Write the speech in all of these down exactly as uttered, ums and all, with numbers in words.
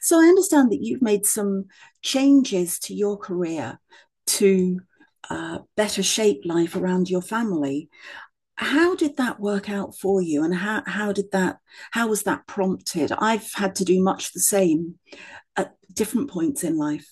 So I understand that you've made some changes to your career to uh, better shape life around your family. How did that work out for you, and how how did that how was that prompted? I've had to do much the same at different points in life.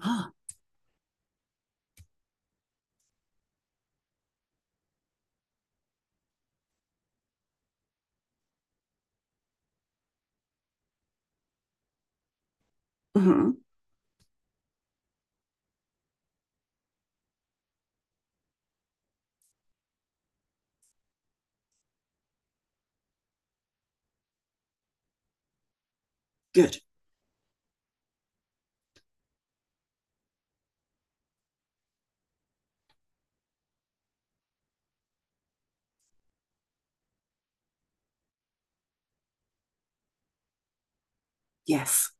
Ah, mhm, good. Yes.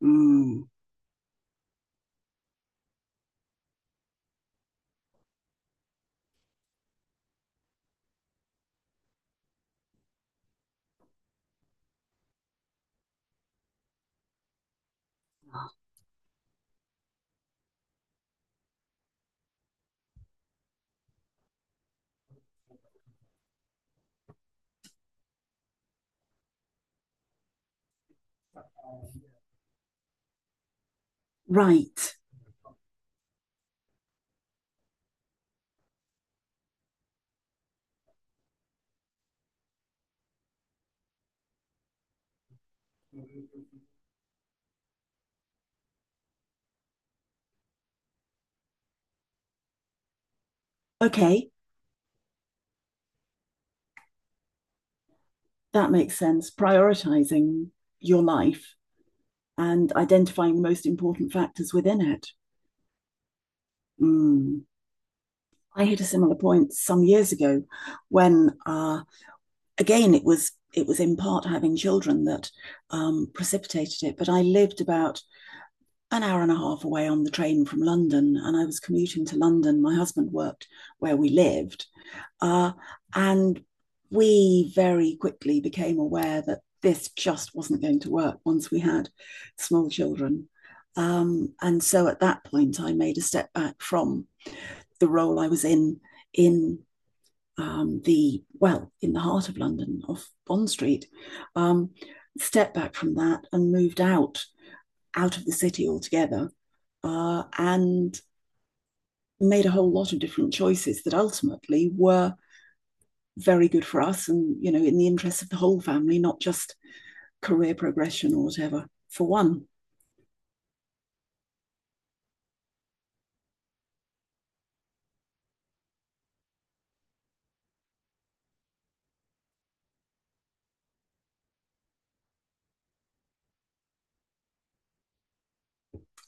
Mm, right. Okay. That makes sense. Prioritizing your life and identifying the most important factors within it. Mm. I hit a similar point some years ago when, uh, again, it was it was in part having children that um, precipitated it. But I lived about an hour and a half away on the train from London, and I was commuting to London. My husband worked where we lived, uh, and we very quickly became aware that this just wasn't going to work once we had small children. Um, and so at that point, I made a step back from the role I was in in um, the well in the heart of London, off Bond Street, um, stepped back from that and moved out out of the city altogether, uh, and made a whole lot of different choices that ultimately were very good for us, and you know, in the interests of the whole family, not just career progression or whatever. For one,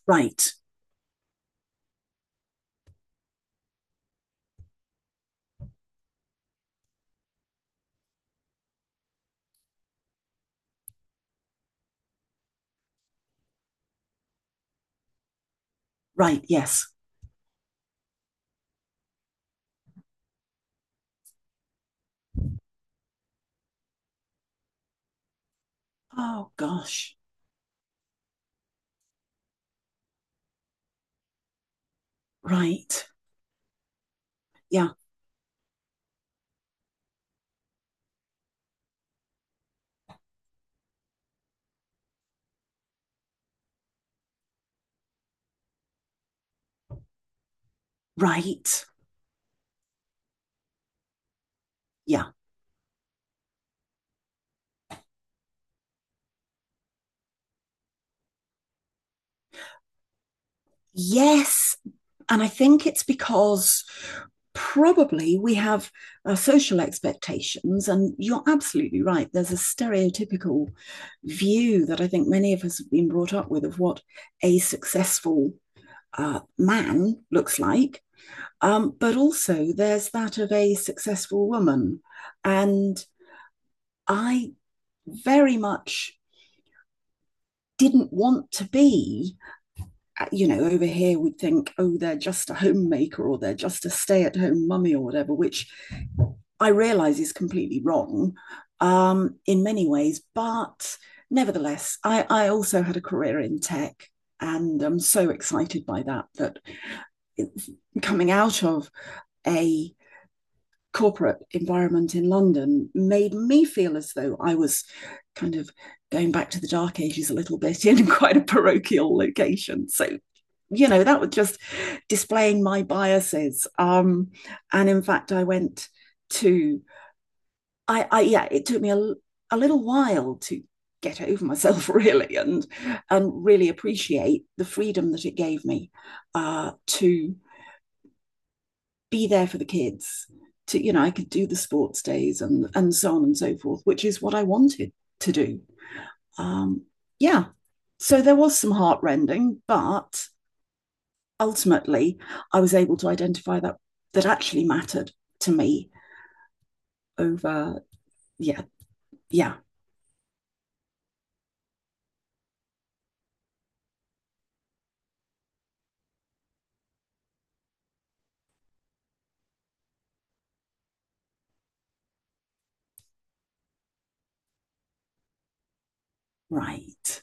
right, right, yes. Oh gosh, right, yeah, right, yeah, yes, and I think it's because probably we have uh, social expectations, and you're absolutely right. There's a stereotypical view that I think many of us have been brought up with of what a successful uh, man looks like. Um, but also, there's that of a successful woman. And I very much didn't want to be uh, you know, over here we'd think, oh, they're just a homemaker or they're just a stay at home mummy or whatever, which I realize is completely wrong um, in many ways. But nevertheless, I, I also had a career in tech and I'm so excited by that, that coming out of a corporate environment in London made me feel as though I was kind of going back to the dark ages a little bit in quite a parochial location. So, you know, that was just displaying my biases. Um, and in fact, I went to, I, I yeah, it took me a, a little while to get over myself really and and really appreciate the freedom that it gave me uh, to be there for the kids to you know I could do the sports days and and so on and so forth which is what I wanted to do um yeah so there was some heartrending but ultimately I was able to identify that that actually mattered to me over yeah yeah right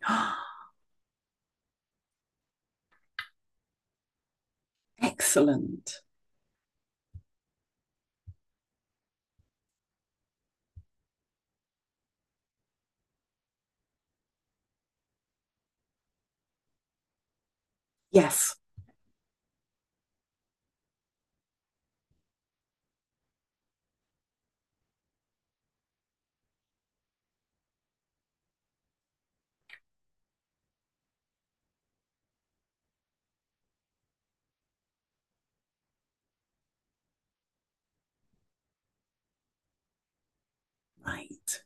excellent yes right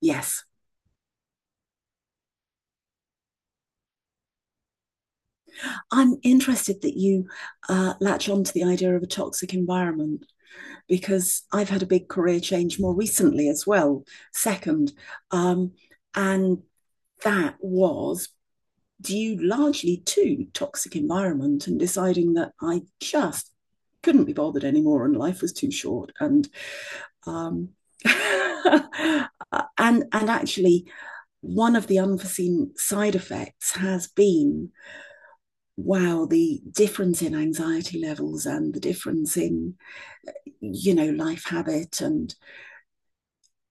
yes I'm interested that you uh, latch on to the idea of a toxic environment because I've had a big career change more recently as well, second. Um, and that was due largely to toxic environment and deciding that I just couldn't be bothered anymore and life was too short. And um, and and actually one of the unforeseen side effects has been wow the difference in anxiety levels and the difference in you know life habit and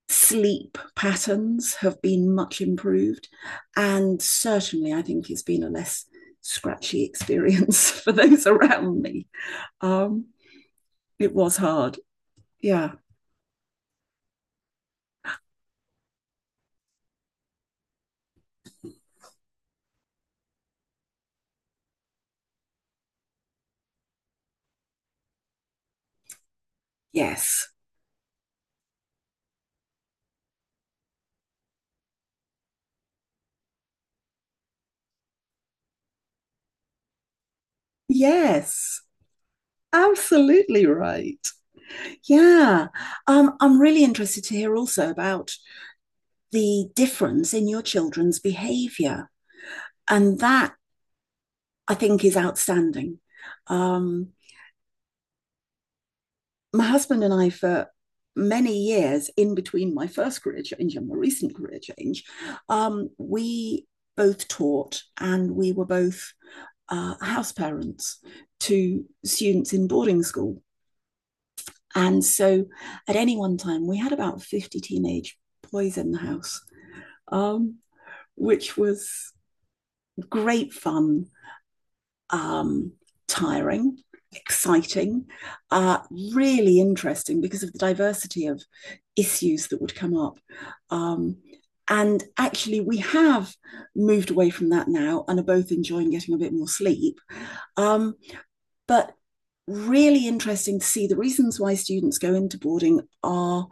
sleep patterns have been much improved. And certainly, I think it's been a less scratchy experience for those around me. Um, it was hard. Yeah. Yes. Yes. Absolutely right. Yeah. Um, I'm really interested to hear also about the difference in your children's behavior. And that I think is outstanding. Um, my husband and I, for many years in between my first career change and my recent career change, um, we both taught and we were both uh, house parents to students in boarding school. And so at any one time, we had about fifty teenage boys in the house, um, which was great fun um, tiring, exciting, uh, really interesting because of the diversity of issues that would come up. Um, and actually, we have moved away from that now and are both enjoying getting a bit more sleep. Um, but really interesting to see the reasons why students go into boarding are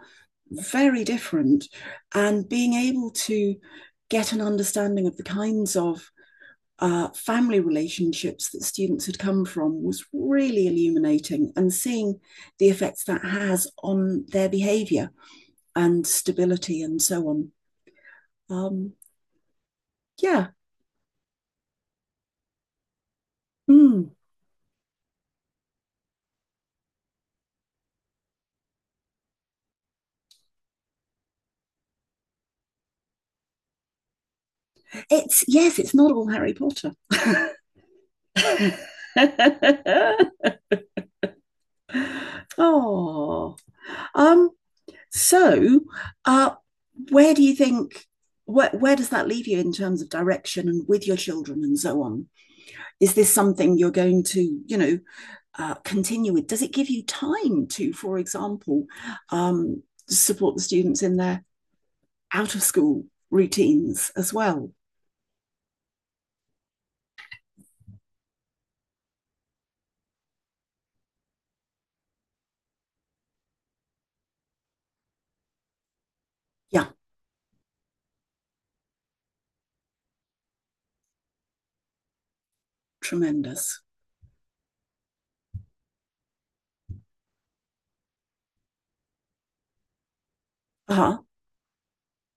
very different and being able to get an understanding of the kinds of uh, family relationships that students had come from was really illuminating and seeing the effects that has on their behavior and stability and so on. Um, yeah. Mm. It's yes, it's not all Harry Potter. oh. Um, so uh, where do you think where, where does that leave you in terms of direction and with your children and so on? Is this something you're going to, you know, uh, continue with? Does it give you time to, for example, um, support the students in their out of school routines as well? Yeah, tremendous. Uh-huh.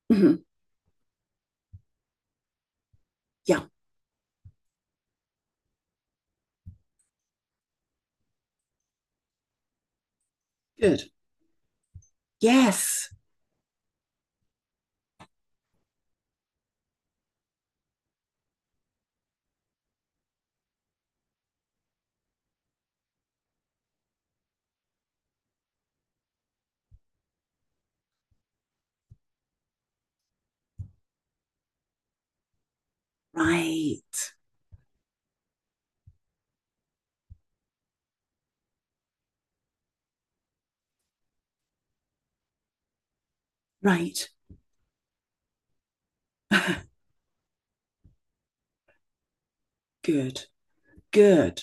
Mhm. Yeah, good. Yes, right, right. good, good.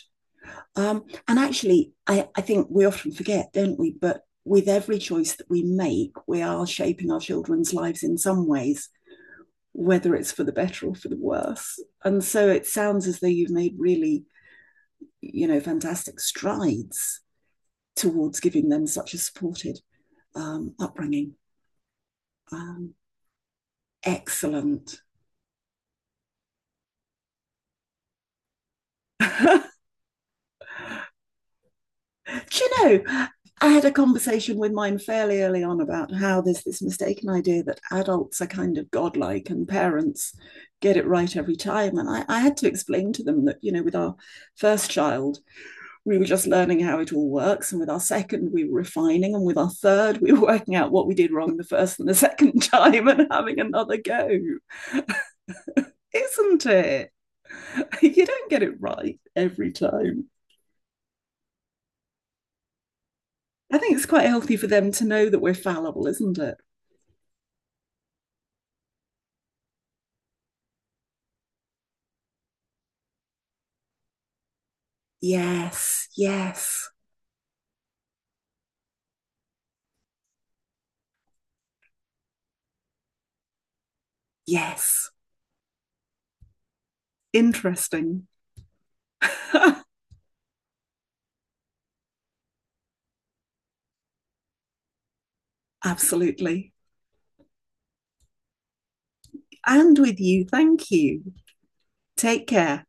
Um, and actually, I, I think we often forget, don't we? But with every choice that we make, we are shaping our children's lives in some ways, whether it's for the better or for the worse. And so it sounds as though you've made really you know, fantastic strides towards giving them such a supported um, upbringing. Um, excellent. Do you know, I had a conversation with mine fairly early on about how there's this mistaken idea that adults are kind of godlike and parents get it right every time. And I, I had to explain to them that, you know, with our first child, we were just learning how it all works. And with our second, we were refining. And with our third, we were working out what we did wrong the first and the second time and having another go. Isn't it? You don't get it right every time. I think it's quite healthy for them to know that we're fallible, isn't it? Yes, yes, yes. Interesting. Absolutely. And with you, thank you. Take care.